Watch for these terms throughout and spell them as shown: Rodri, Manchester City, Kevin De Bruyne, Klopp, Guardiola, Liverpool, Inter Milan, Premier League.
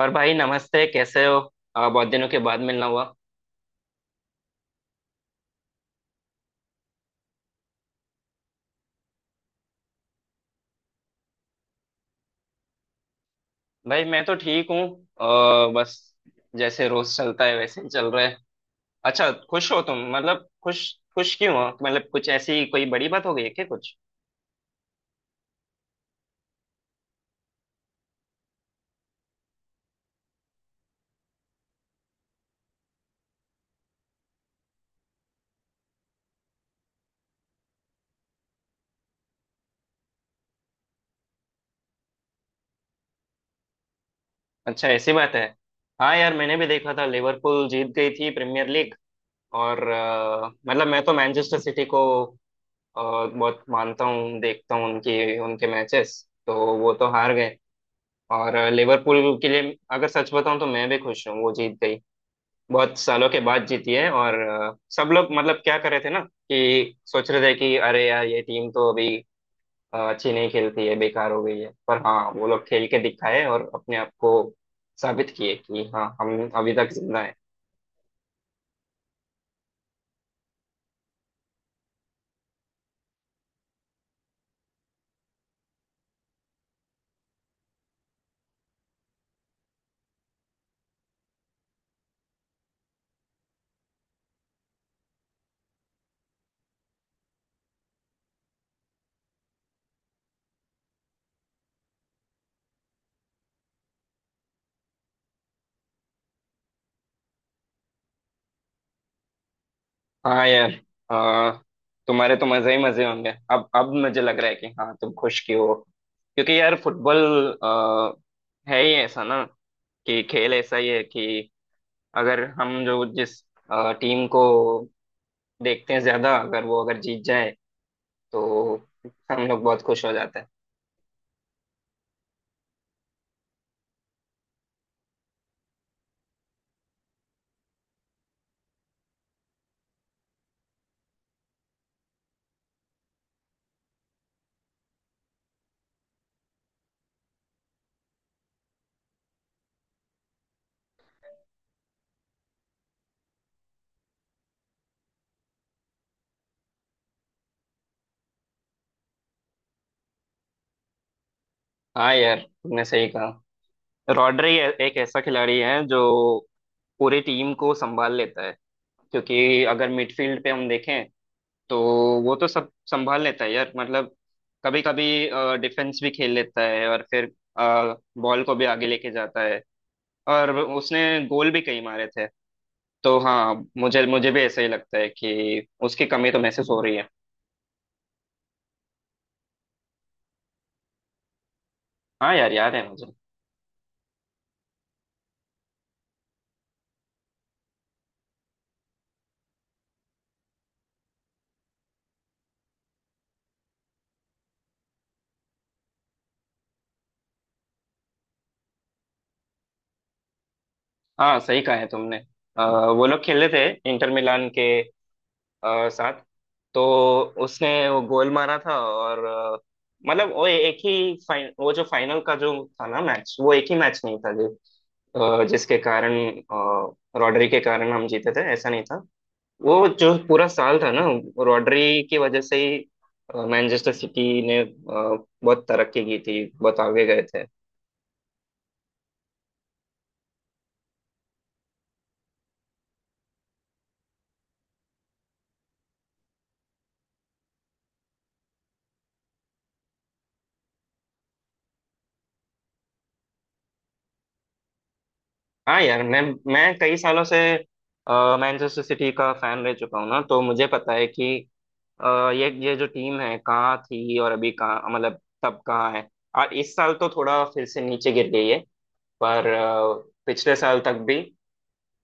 और भाई, नमस्ते। कैसे हो? बहुत दिनों के बाद मिलना हुआ। भाई, मैं तो ठीक हूँ। बस जैसे रोज चलता है वैसे ही चल रहा है। अच्छा, खुश हो तुम? मतलब खुश? खुश क्यों हो? मतलब कुछ ऐसी कोई बड़ी बात हो गई है क्या कुछ? अच्छा, ऐसी बात है। हाँ यार, मैंने भी देखा था, लिवरपूल जीत गई थी प्रीमियर लीग। और मतलब मैं तो मैनचेस्टर सिटी को बहुत मानता हूँ, देखता हूँ उनकी उनके मैचेस, तो वो तो हार गए। और लिवरपूल के लिए अगर सच बताऊं तो मैं भी खुश हूँ वो जीत गई। बहुत सालों के बाद जीती है। और सब लोग, मतलब क्या कर रहे थे ना, कि सोच रहे थे कि अरे यार ये टीम तो अभी अच्छी नहीं खेलती है, बेकार हो गई है। पर हाँ, वो लोग खेल के दिखाए और अपने आप को साबित किए कि हाँ, हम अभी तक जिंदा है। हाँ यार। अ, तुम्हारे तो मजे ही मजे होंगे। अब मुझे लग रहा है कि हाँ, तुम खुश की हो। क्योंकि यार फुटबॉल है ही ऐसा ना, कि खेल ऐसा ही है कि अगर हम जो जिस टीम को देखते हैं ज्यादा, अगर वो अगर जीत जाए तो हम लोग बहुत खुश हो जाते हैं। हाँ यार, तुमने सही कहा। रॉड्री एक ऐसा खिलाड़ी है जो पूरी टीम को संभाल लेता है। क्योंकि अगर मिडफील्ड पे हम देखें तो वो तो सब संभाल लेता है यार। मतलब कभी कभी डिफेंस भी खेल लेता है, और फिर बॉल को भी आगे लेके जाता है। और उसने गोल भी कई मारे थे। तो हाँ, मुझे मुझे भी ऐसा ही लगता है कि उसकी कमी तो महसूस हो रही है। हाँ यार, याद है मुझे। हाँ, सही कहा है तुमने। अ, वो लोग खेले थे इंटर मिलान के साथ। तो उसने वो गोल मारा था। और मतलब वो जो फाइनल का जो था ना मैच, वो एक ही मैच नहीं था जो जिसके कारण, अ, रॉड्री के कारण हम जीते थे ऐसा नहीं था। वो जो पूरा साल था ना, रॉड्री की वजह से ही मैनचेस्टर सिटी ने बहुत तरक्की की थी, बहुत आगे गए थे। हाँ यार। मैं कई सालों से मैनचेस्टर सिटी का फैन रह चुका हूँ ना, तो मुझे पता है कि अ, ये जो टीम है कहाँ थी, और अभी कहाँ, मतलब तब कहाँ है। और इस साल तो थोड़ा फिर से नीचे गिर गई है। पर पिछले साल तक भी,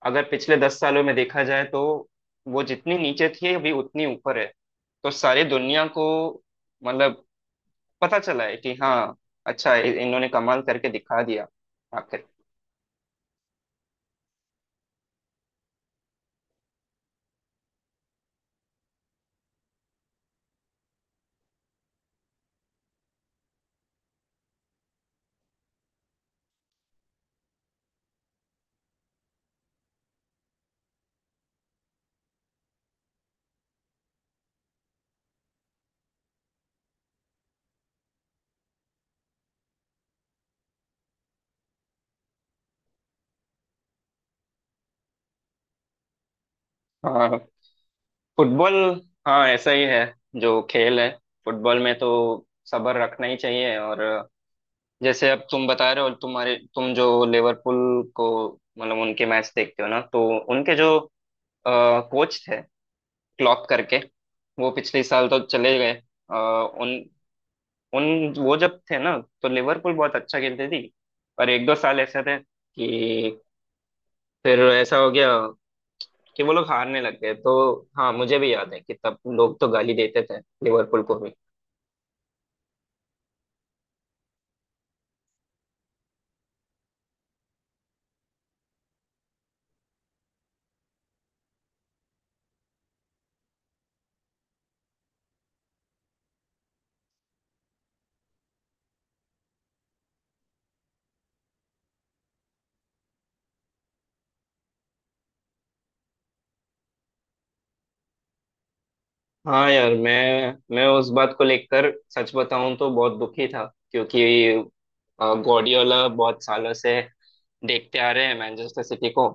अगर पिछले 10 सालों में देखा जाए, तो वो जितनी नीचे थी अभी उतनी ऊपर है। तो सारी दुनिया को, मतलब, पता चला है कि हाँ, अच्छा, इन्होंने कमाल करके दिखा दिया आखिर। हाँ, फुटबॉल। हाँ, ऐसा ही है। जो खेल है फुटबॉल में, तो सब्र रखना ही चाहिए। और जैसे अब तुम बता रहे हो, तुम जो लिवरपूल को, मतलब उनके मैच देखते हो ना, तो उनके जो कोच थे, क्लॉप करके, वो पिछले साल तो चले गए। अ, उन उन वो जब थे ना, तो लिवरपूल बहुत अच्छा खेलते थी। पर एक दो साल ऐसे थे कि फिर ऐसा हो गया कि वो लोग हारने लग गए। तो हाँ, मुझे भी याद है कि तब लोग तो गाली देते थे लिवरपूल को। हाँ यार। मैं उस बात को लेकर, सच बताऊं तो, बहुत दुखी था। क्योंकि गॉर्डियोला बहुत सालों से देखते आ रहे हैं मैनचेस्टर सिटी को।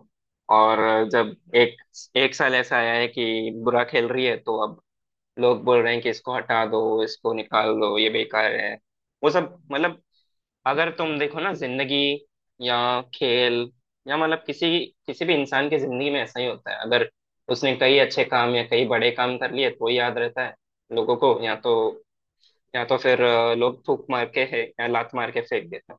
और जब एक एक साल ऐसा आया है कि बुरा खेल रही है, तो अब लोग बोल रहे हैं कि इसको हटा दो, इसको निकाल दो, ये बेकार है। वो सब, मतलब, अगर तुम देखो ना, जिंदगी या खेल, या मतलब किसी किसी भी इंसान की जिंदगी में ऐसा ही होता है। अगर उसने कई अच्छे काम या कई बड़े काम कर लिए, तो ही याद रहता है लोगों को। या तो फिर लोग थूक मार के है, या लात मार के फेंक देते हैं।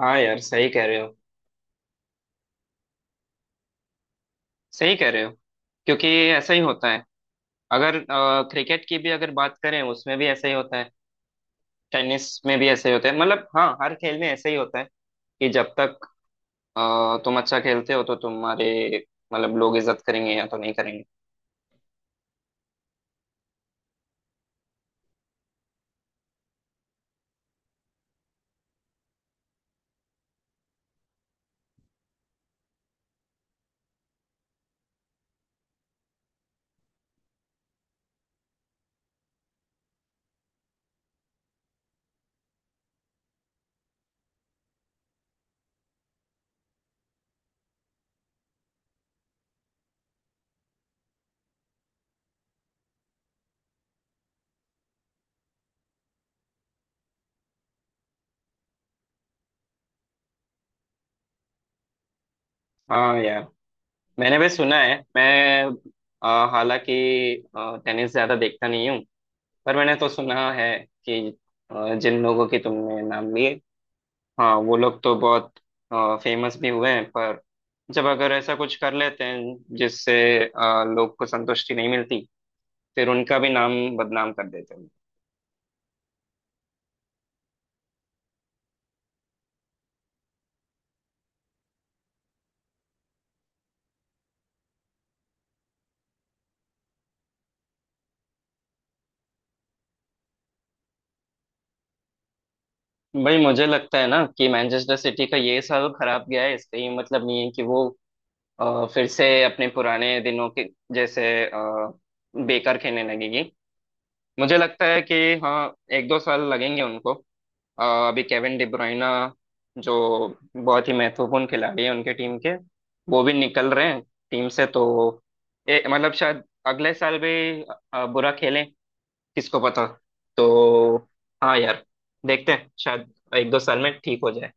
हाँ यार, सही कह रहे हो। सही कह रहे हो। क्योंकि ऐसा ही होता है। अगर क्रिकेट की भी अगर बात करें, उसमें भी ऐसा ही होता है। टेनिस में भी ऐसा ही होता है। मतलब हाँ, हर खेल में ऐसा ही होता है। कि जब तक तुम अच्छा खेलते हो, तो तुम्हारे, मतलब, लोग इज्जत करेंगे, या तो नहीं करेंगे। हाँ यार, मैंने भी सुना है। मैं हालांकि टेनिस ज्यादा देखता नहीं हूँ, पर मैंने तो सुना है कि जिन लोगों के तुमने नाम लिए, हाँ वो लोग तो बहुत फेमस भी हुए हैं। पर जब अगर ऐसा कुछ कर लेते हैं जिससे लोग को संतुष्टि नहीं मिलती, फिर उनका भी नाम बदनाम कर देते हैं। भाई, मुझे लगता है ना कि मैनचेस्टर सिटी का ये साल खराब गया है। इसका ये मतलब नहीं है कि वो फिर से अपने पुराने दिनों के जैसे बेकार खेलने लगेगी। मुझे लगता है कि हाँ, एक दो साल लगेंगे उनको। अभी केविन डिब्रोइना जो बहुत ही महत्वपूर्ण खिलाड़ी है उनके टीम के, वो भी निकल रहे हैं टीम से। तो मतलब शायद अगले साल भी बुरा खेलें, किसको पता। तो हाँ यार, देखते हैं, शायद एक दो साल में ठीक हो जाए।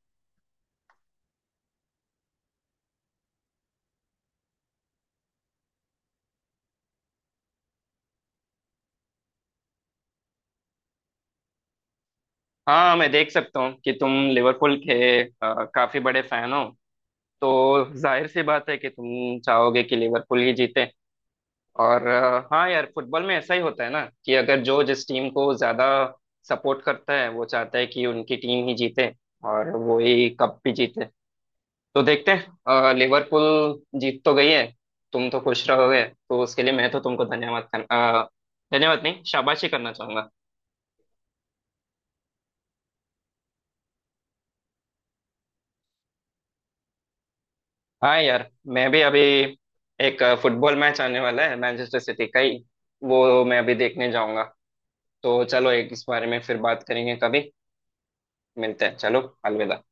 हाँ, मैं देख सकता हूँ कि तुम लिवरपूल के काफी बड़े फैन हो, तो जाहिर सी बात है कि तुम चाहोगे कि लिवरपूल ही जीते। और हाँ यार, फुटबॉल में ऐसा ही होता है ना, कि अगर जो जिस टीम को ज्यादा सपोर्ट करता है, वो चाहता है कि उनकी टीम ही जीते, और वो ही कप भी जीते। तो देखते हैं, लिवरपूल जीत तो गई है, तुम तो खुश रहोगे। तो उसके लिए मैं तो तुमको धन्यवाद नहीं, शाबाशी करना चाहूंगा। हाँ यार, मैं भी अभी, एक फुटबॉल मैच आने वाला है मैनचेस्टर सिटी का ही, वो मैं अभी देखने जाऊंगा। तो चलो, एक इस बारे में फिर बात करेंगे कभी। मिलते हैं, चलो। अलविदा।